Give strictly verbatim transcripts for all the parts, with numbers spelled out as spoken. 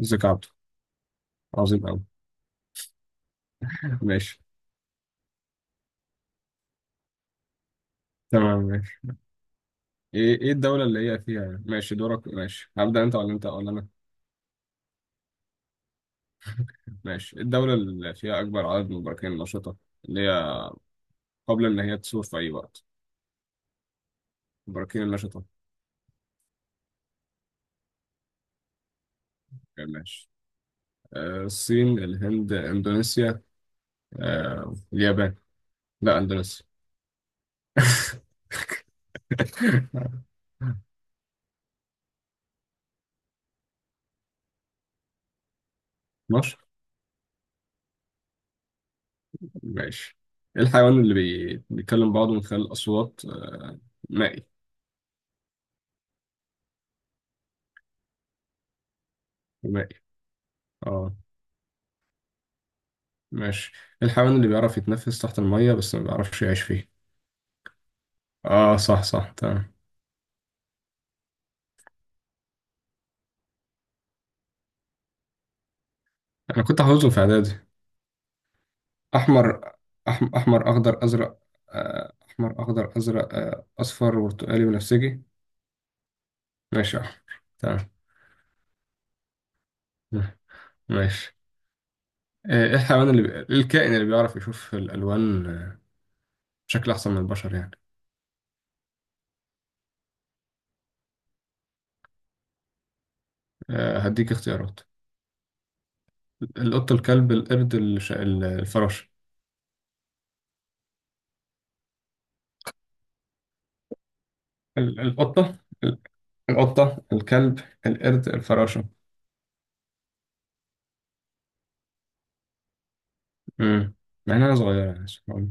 ازيك يا عبدو؟ عظيم أوي. ماشي. تمام. ماشي. ايه ايه الدولة اللي هي فيها. ماشي، دورك. ماشي، هبدأ انت ولا انت ولا انا؟ ماشي. إيه الدولة اللي فيها أكبر عدد من البراكين النشطة؟ اللي هي قبل إن هي تثور في أي وقت. البراكين النشطة. ماشي. آه، الصين، الهند، إندونيسيا. آه، اليابان. لا، إندونيسيا. مصر. ماشي. إيه الحيوان اللي بي... بيتكلم بعضه من خلال الأصوات آه، مائي. مائي. اه. ماشي. الحيوان اللي بيعرف يتنفس تحت المية بس ما بيعرفش يعيش فيه. اه، صح، صح، تمام. انا كنت حافظهم في اعدادي. احمر. أحم... احمر، اخضر، ازرق. آه، احمر، اخضر، ازرق، آه، اصفر، برتقالي، بنفسجي. ماشي يا احمر. تمام. ماشي. آه، ايه الحيوان اللي بي... إيه الكائن اللي بيعرف يشوف الالوان آه، بشكل احسن من البشر يعني. آه، هديك اختيارات. القطة، الكلب، القرد، الش... الفراشة. ال- القطة. ال- القطة، الكلب. القرد، الفراشة. امم. مع انها صغيره يعني، سبحان الله.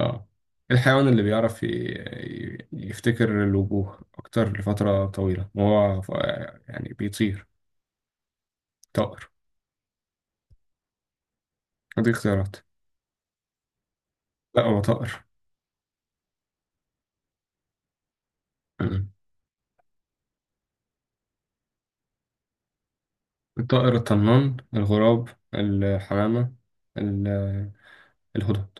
اه. الحيوان اللي بيعرف ي- ي- يفتكر الوجوه اكتر لفتره طويله وهو ف- يعني بيطير. طائر. دي اختيارات. لا، هو طائر. أمم. الطائر الطنان، الغراب، الحمامه، ال- الهدهد.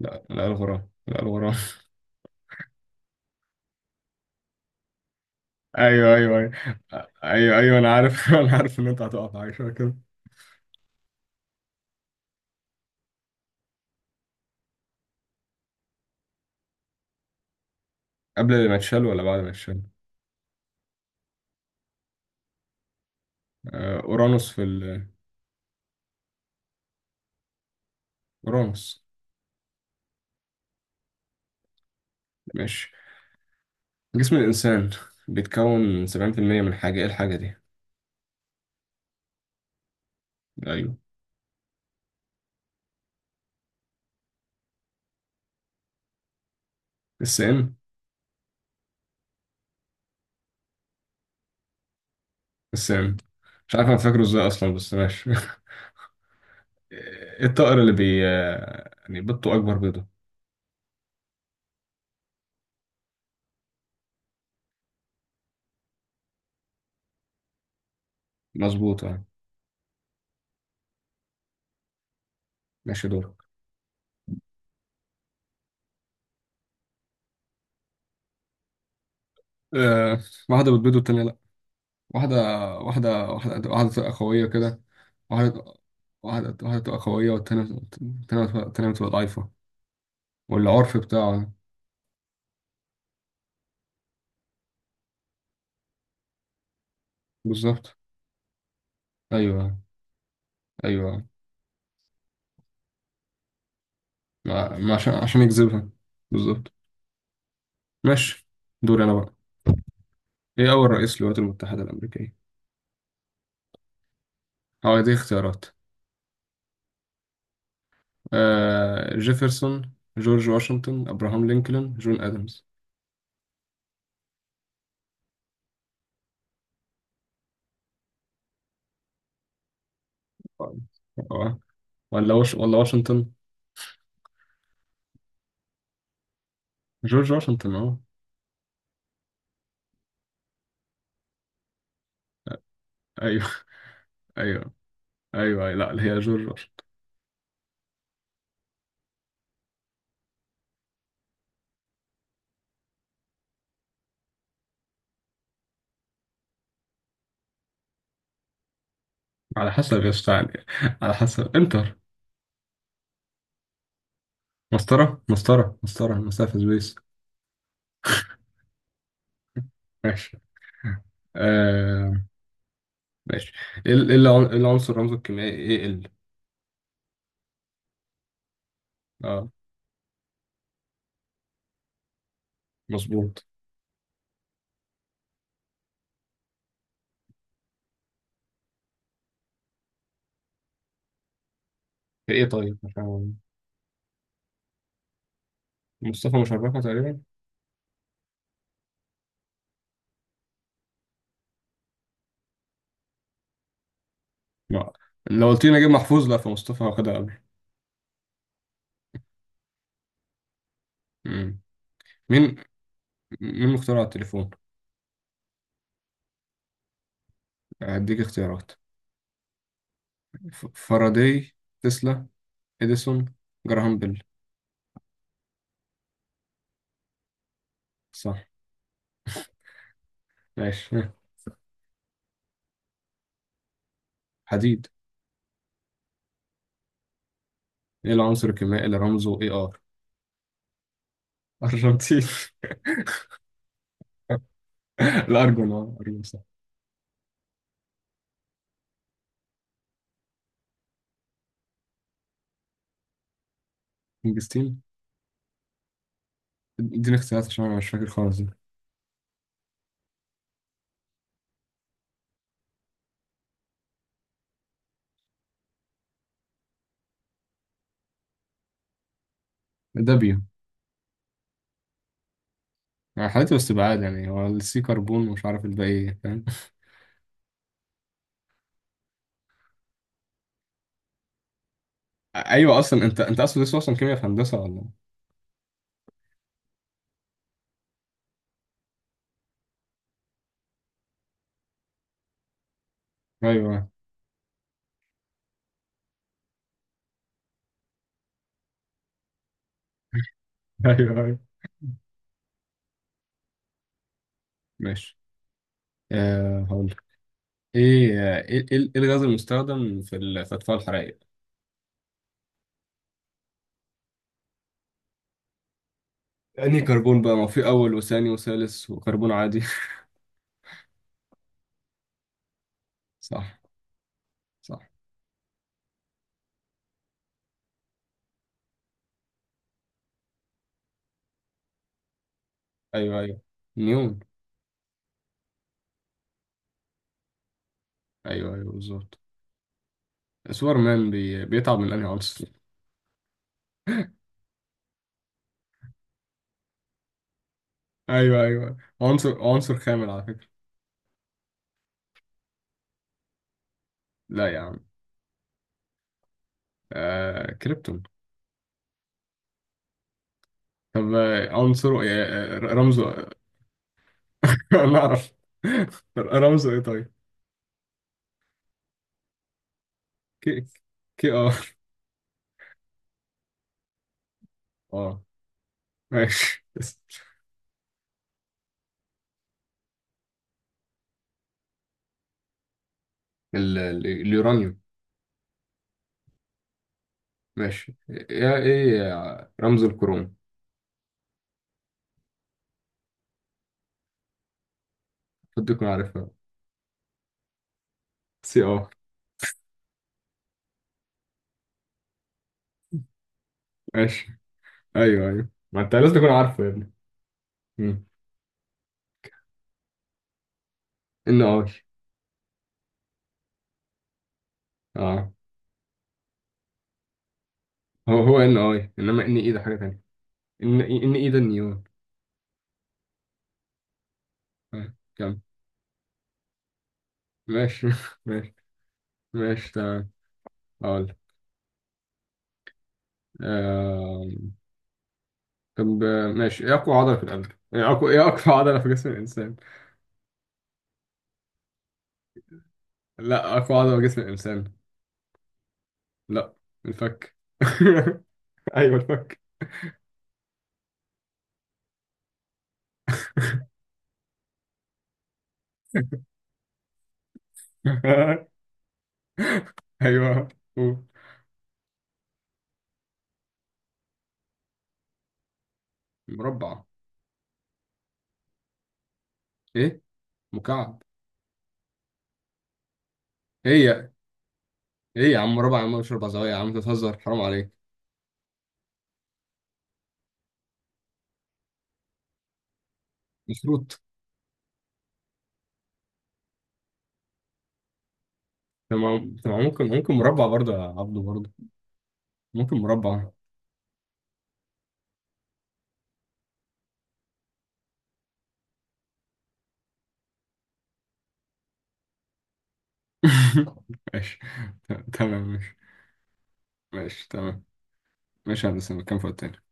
لا، لا، الغراب. لا، الغراب. ايوه، ايوه، ايوه. ايوه، ايوه، انا عارف. انا عارف ان انت هتقع في حاجه شبه كده. قبل ما تشال ولا بعد ما تشال؟ آه، اورانوس في ال... اورانوس. ماشي. جسم الإنسان بيتكون من سبعين في المئة من حاجة، إيه الحاجة دي؟ أيوه. السام. السام. مش عارف أنا فاكره إزاي أصلا، بس ماشي. إيه الطائر اللي بي يعني بيضته أكبر بيضة؟ مظبوط، أه. ماشي، دورك. أه. واحدة بتبيض والتانية لأ. واحدة. واحدة واحدة واحدة تبقى قوية كده. واحدة واحدة واحدة تبقى قوية، والتانية التانية بتبقى التانية بتبقى ضعيفة. والعرف بتاعه ده. بالظبط. أيوه. أيوه. ما ما عشان عشان يجذبها. بالظبط. ماشي. دوري أنا بقى. ايه اول رئيس للولايات المتحدة الامريكية؟ اه، دي اختيارات. آه جيفرسون، جورج واشنطن، ابراهام لينكولن، جون ادمز. اه. ولا وش... ولا واشنطن؟ جورج واشنطن، اه. ايوه. ايوه، ايوه، أيوة. لا، هي جورج واشنطن. على حسب يا اسطى، يعني. على حسب، انتر. مسطرة، مسطرة، مسطرة، مسافة، سبيس. ماشي. آه. ماشي. ايه ال- إيه العن- إيه العنصر رمزه الكيميائي ايه ال اه، مظبوط. ايه، طيب، مش عارف. مصطفى مشرفة تقريبا. لا، لو قلت لي نجيب محفوظ، لا، فمصطفى واخدها قبل. مم. مين مين مخترع التليفون؟ هديك اختيارات. ف- فاراداي، تسلا، اديسون، جراهام بيل. صح. ماشي. حديد. ايه العنصر الكيميائي اللي رمزه اي ار؟ ارجنتين. الارجون، اه، ارجون، صح. انجستين. اديني اختيارات عشان انا مش فاكر خالص ده. دابيو. يعني حالته واستبعاد، يعني هو السي كربون ومش عارف الباقي ايه، فاهم. ايوه، اصلا انت انت اصلا لسه اصلا كيمياء في هندسه ولا؟ ايوه. ايوه، ايوه. ماشي. آه هقول لك. ايه آه، ايه ايه إيه الغاز المستخدم في ال- في اطفاء الحرائق؟ يعني كربون بقى، ما هو في اول وثاني وثالث وكربون عادي. صح. صح. ايوه، ايوه، نيون. ايوه، ايوه، بالظبط. سوبر مان بي... بيتعب من انهي عنصر؟ ايوه، ايوه، عنصر عنصر خامل على فكره. لا يا عم. آه... كريبتون. طب، آه، عنصره إيه؟ آه، آه، رمزه؟ انا اعرف. رمزه ايه طيب؟ كي. كي، اه. اه. ماشي. ال- ال- اليورانيوم. ماشي، يا ايه يا رمز الكروم. حد يكون عارفها. سي، اه. ماشي. ايوه، ايوه، ما انت لازم تكون عارفه يا ابني. مم. ان اي. اه. هو هو ان اي، انما ان ايه ده حاجه تانية. ان ان ايه ده النيون. آه. كم. ماشي. ماشي. ماشي، تمام. اقول لك. آم، طب، آه، ماشي، ايه اقوى عضله في القلب ايه اقوى ايه اقوى عضله في جسم الانسان؟ لا، اقوى عضله في جسم الانسان. لا. الفك. ايوه، الفك. ايوه. مربع. ايه؟ مكعب. ايه يا ايه يا عم مربع يا عم، مش اربع زوايا يا عم، أنت بتهزر، حرام عليك. مشروط. تمام، تمام، ممكن، ممكن مربع برضه يا عبده برضه. ممكن مربع. ماشي. ت- تمام، ماشي. ماشي، تمام. ماشي يا هندسة، كام فوق التاني؟